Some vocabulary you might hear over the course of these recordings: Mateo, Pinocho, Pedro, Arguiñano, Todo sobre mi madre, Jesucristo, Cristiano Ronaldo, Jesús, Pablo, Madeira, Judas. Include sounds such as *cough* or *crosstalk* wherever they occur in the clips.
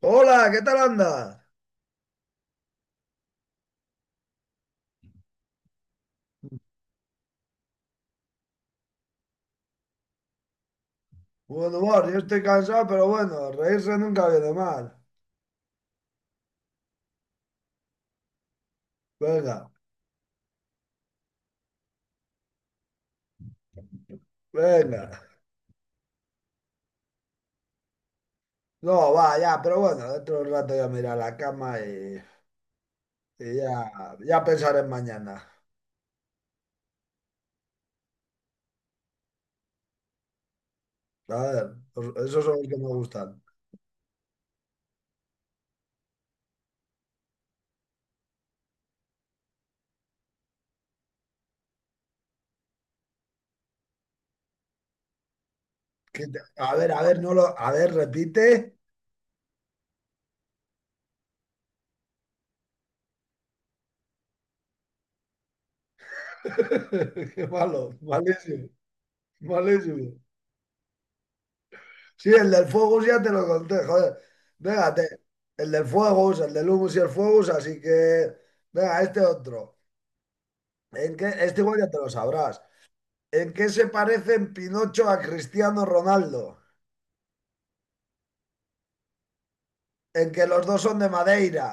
Hola, ¿qué tal andas? Bueno, humor, yo estoy cansado, pero bueno, reírse nunca viene mal. Venga, venga. No, va, ya, pero bueno, dentro de un rato ya me iré a la cama y ya pensaré en mañana. A ver, esos son los que me gustan. A ver, no lo, a ver, repite. *laughs* Qué malo, malísimo, malísimo. Sí, el del fuego ya te lo conté, joder. Venga, el del fuego, el del humus y el fuego, así que, venga, este otro. Este igual ya te lo sabrás. ¿En qué se parecen Pinocho a Cristiano Ronaldo? En que los dos son de Madeira.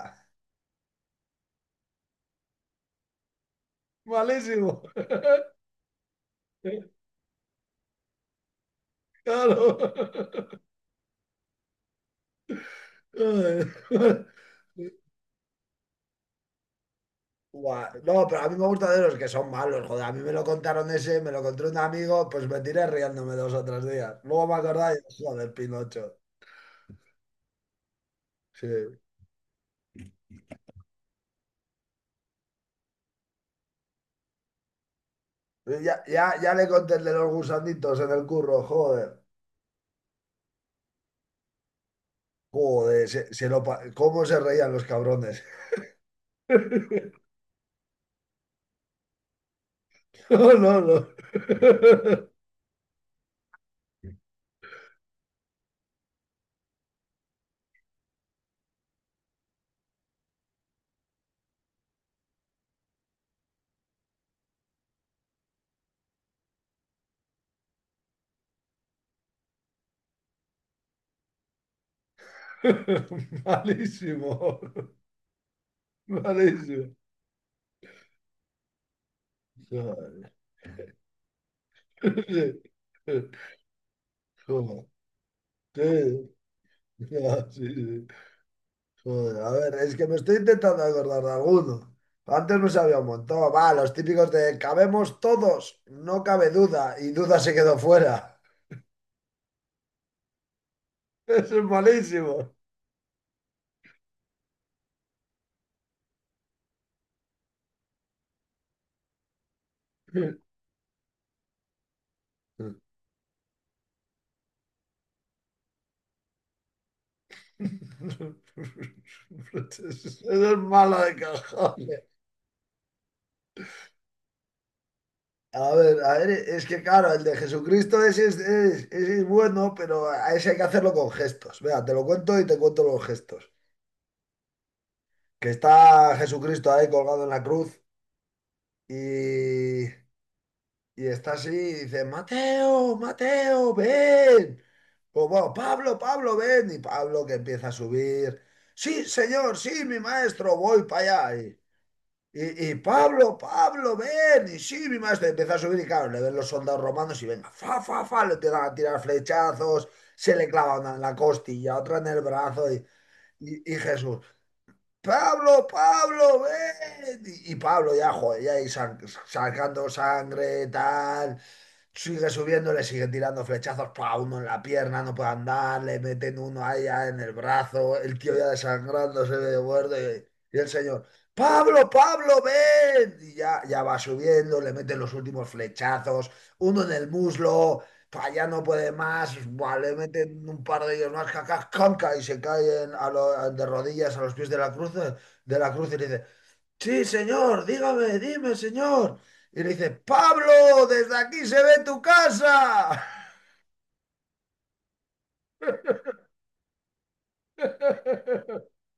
Malísimo. *laughs* Claro. *laughs* Buah, no, pero a mí me gusta de los que son malos, joder. A mí me lo contaron ese, me lo contó un amigo, pues me tiré riéndome 2 o 3 días. Luego me acordaba y dije, joder, Pinocho. Sí. Ya, ya, ya le conté el de los gusanditos en el curro, joder. Joder, ¿cómo se reían los cabrones? *laughs* No, no, no. *laughs* Malísimo. Malísimo. Joder. Joder. Sí, no, sí, sí. Joder, a ver, es que me estoy intentando acordar de alguno. Antes me sabía un montón. Va, los típicos de cabemos todos, no cabe duda, y duda se quedó fuera. *laughs* Eso es malísimo. *laughs* Eso es malo de cajón. A ver, es que claro, el de Jesucristo ese ese es bueno, pero a ese hay que hacerlo con gestos. Vea, te lo cuento y te cuento los gestos. Que está Jesucristo ahí colgado en la cruz y, y está así y dice, Mateo, Mateo, ven. O bueno, Pablo, Pablo, ven. Y Pablo que empieza a subir. Sí, señor, sí, mi maestro, voy para allá. Y Pablo, Pablo, ven, y sí, mi maestro, y empieza a subir y claro, le ven los soldados romanos y venga, fa, fa, fa, le empiezan a tirar flechazos, se le clava una en la costilla, otra en el brazo y Jesús, Pablo, Pablo, ven, y Pablo ya, joder, ya ahí sacando sangre, tal, sigue subiendo, le sigue tirando flechazos, pa, uno en la pierna, no puede andar, le meten uno allá en el brazo, el tío ya desangrándose de muerto y el señor, Pablo, Pablo, ven, y ya va subiendo, le meten los últimos flechazos, uno en el muslo, pa, ya no puede más, buah, le meten un par de ellos más, cacas, canca, y se caen de rodillas a los pies de la cruz y le dice, sí, señor, dígame, dime, señor. Y le dice, Pablo, desde aquí se ve tu casa. *laughs*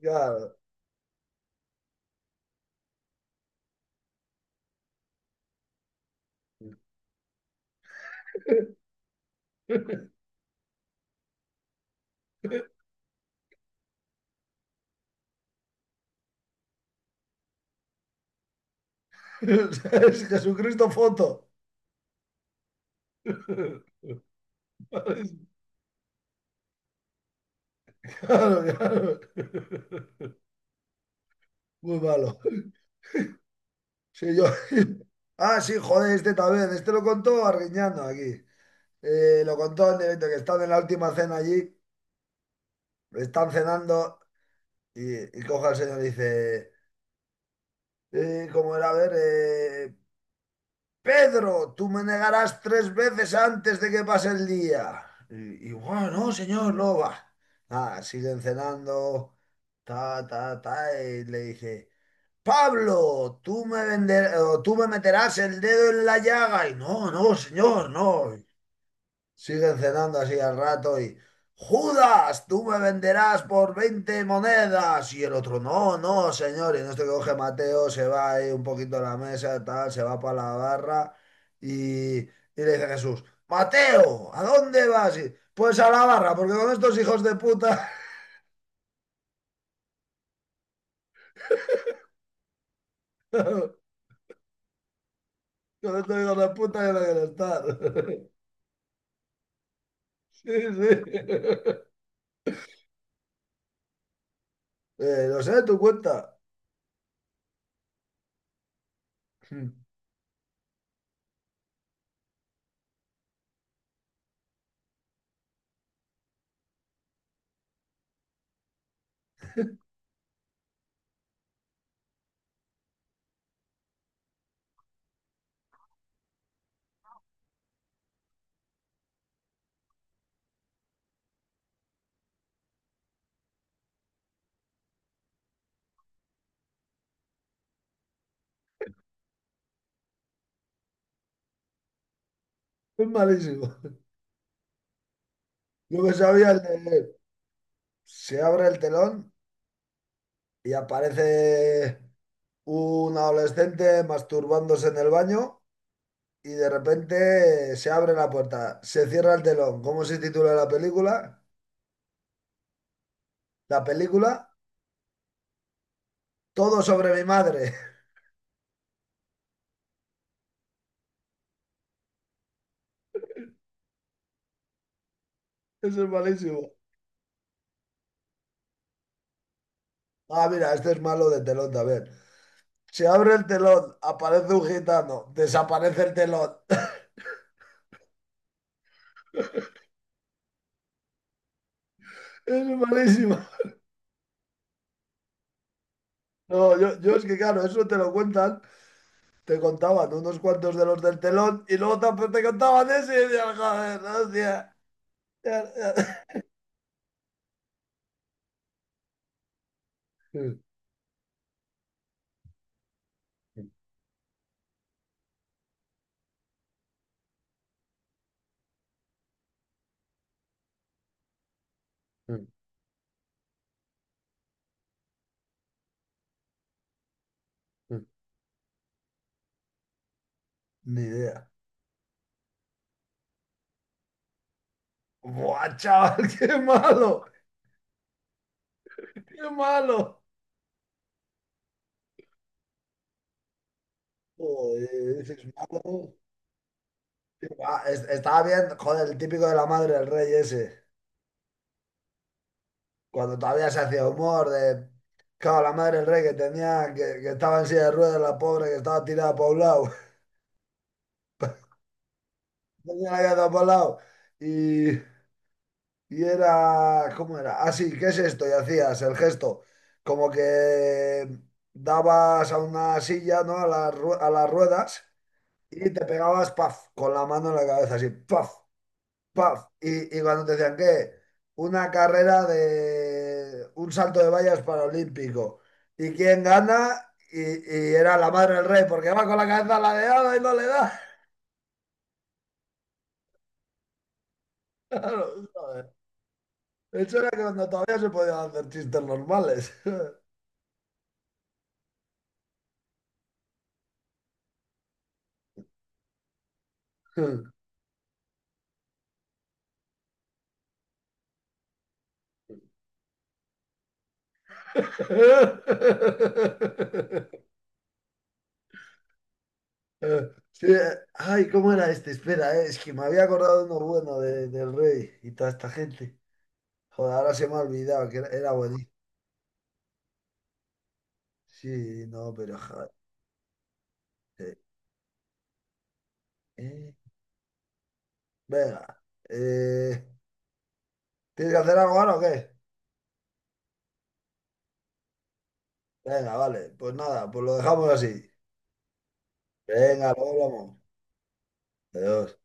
Claro. *laughs* Es Jesucristo foto. Claro, claro. Muy malo. Sí, yo... *laughs* Ah, sí, joder, este también. Este lo contó Arguiñano aquí. Lo contó en el evento que están en la última cena allí. Están cenando y coge al señor y dice... ¿Cómo era? A ver, Pedro, tú me negarás 3 veces antes de que pase el día. "Guau, no, señor, no va. Ah, siguen cenando, ta, ta, ta, y le dice, Pablo, o tú me meterás el dedo en la llaga. Y no, no, señor, no. Siguen cenando así al rato y, Judas, tú me venderás por 20 monedas. Y el otro, no, no, señor. Y en esto que coge Mateo, se va ahí un poquito a la mesa, tal, se va para la barra y le dice Jesús, Mateo, ¿a dónde vas? Y, pues a la barra, porque con estos hijos de puta, *laughs* con estos hijos de puta yo no quiero estar. *laughs* Sí, sí. *laughs* Lo sé, tu cuenta. *laughs* Es malísimo. Yo que sabía el de... Se abre el telón y aparece un adolescente masturbándose en el baño y de repente se abre la puerta, se cierra el telón. ¿Cómo se titula la película? La película Todo sobre mi madre. *laughs* Eso es malísimo. Ah, mira, este es malo de telón también. Se abre el telón, aparece un gitano, desaparece el telón. *laughs* Es malísimo. No, yo es que claro, eso te lo cuentan, te contaban unos cuantos de los del telón y luego también te contaban ese y decías, joder, hostia. Ya, ya. Mm, mm, mm, mm. Ni idea. ¡Buah, chaval! *laughs* ¡Qué malo! ¡Qué malo! Joder, dices malo. Qué Estaba bien, joder, el típico de la madre del rey ese. Cuando todavía se hacía humor de. Claro, la madre del rey que tenía, que estaba en silla de ruedas, la pobre, que estaba tirada por un lado. *laughs* Tenía la cabeza por un lado. Y, y era. ¿Cómo era? Ah, sí, ¿qué es esto? Y hacías el gesto. Como que dabas a una silla, ¿no? A las a las ruedas. Y te pegabas, paf, con la mano en la cabeza, así, paf, paf. Y cuando te decían, ¿qué? Una carrera de un salto de vallas paralímpico. ¿Y quién gana? Y era la madre del rey, porque va con la cabeza ladeada y no le da. *laughs* Claro, joder. Eso era cuando todavía se podían hacer chistes normales. *laughs* Sí, ay, ¿cómo era este? Espera, es que me había acordado de uno bueno del rey y toda esta gente. Joder, ahora se me ha olvidado que era, era buenísimo. Sí, no, pero joder. eh. Venga. eh, ¿Tienes que hacer algo ahora o qué? Venga, vale. Pues nada, pues lo dejamos así. Venga, luego hablamos. Adiós.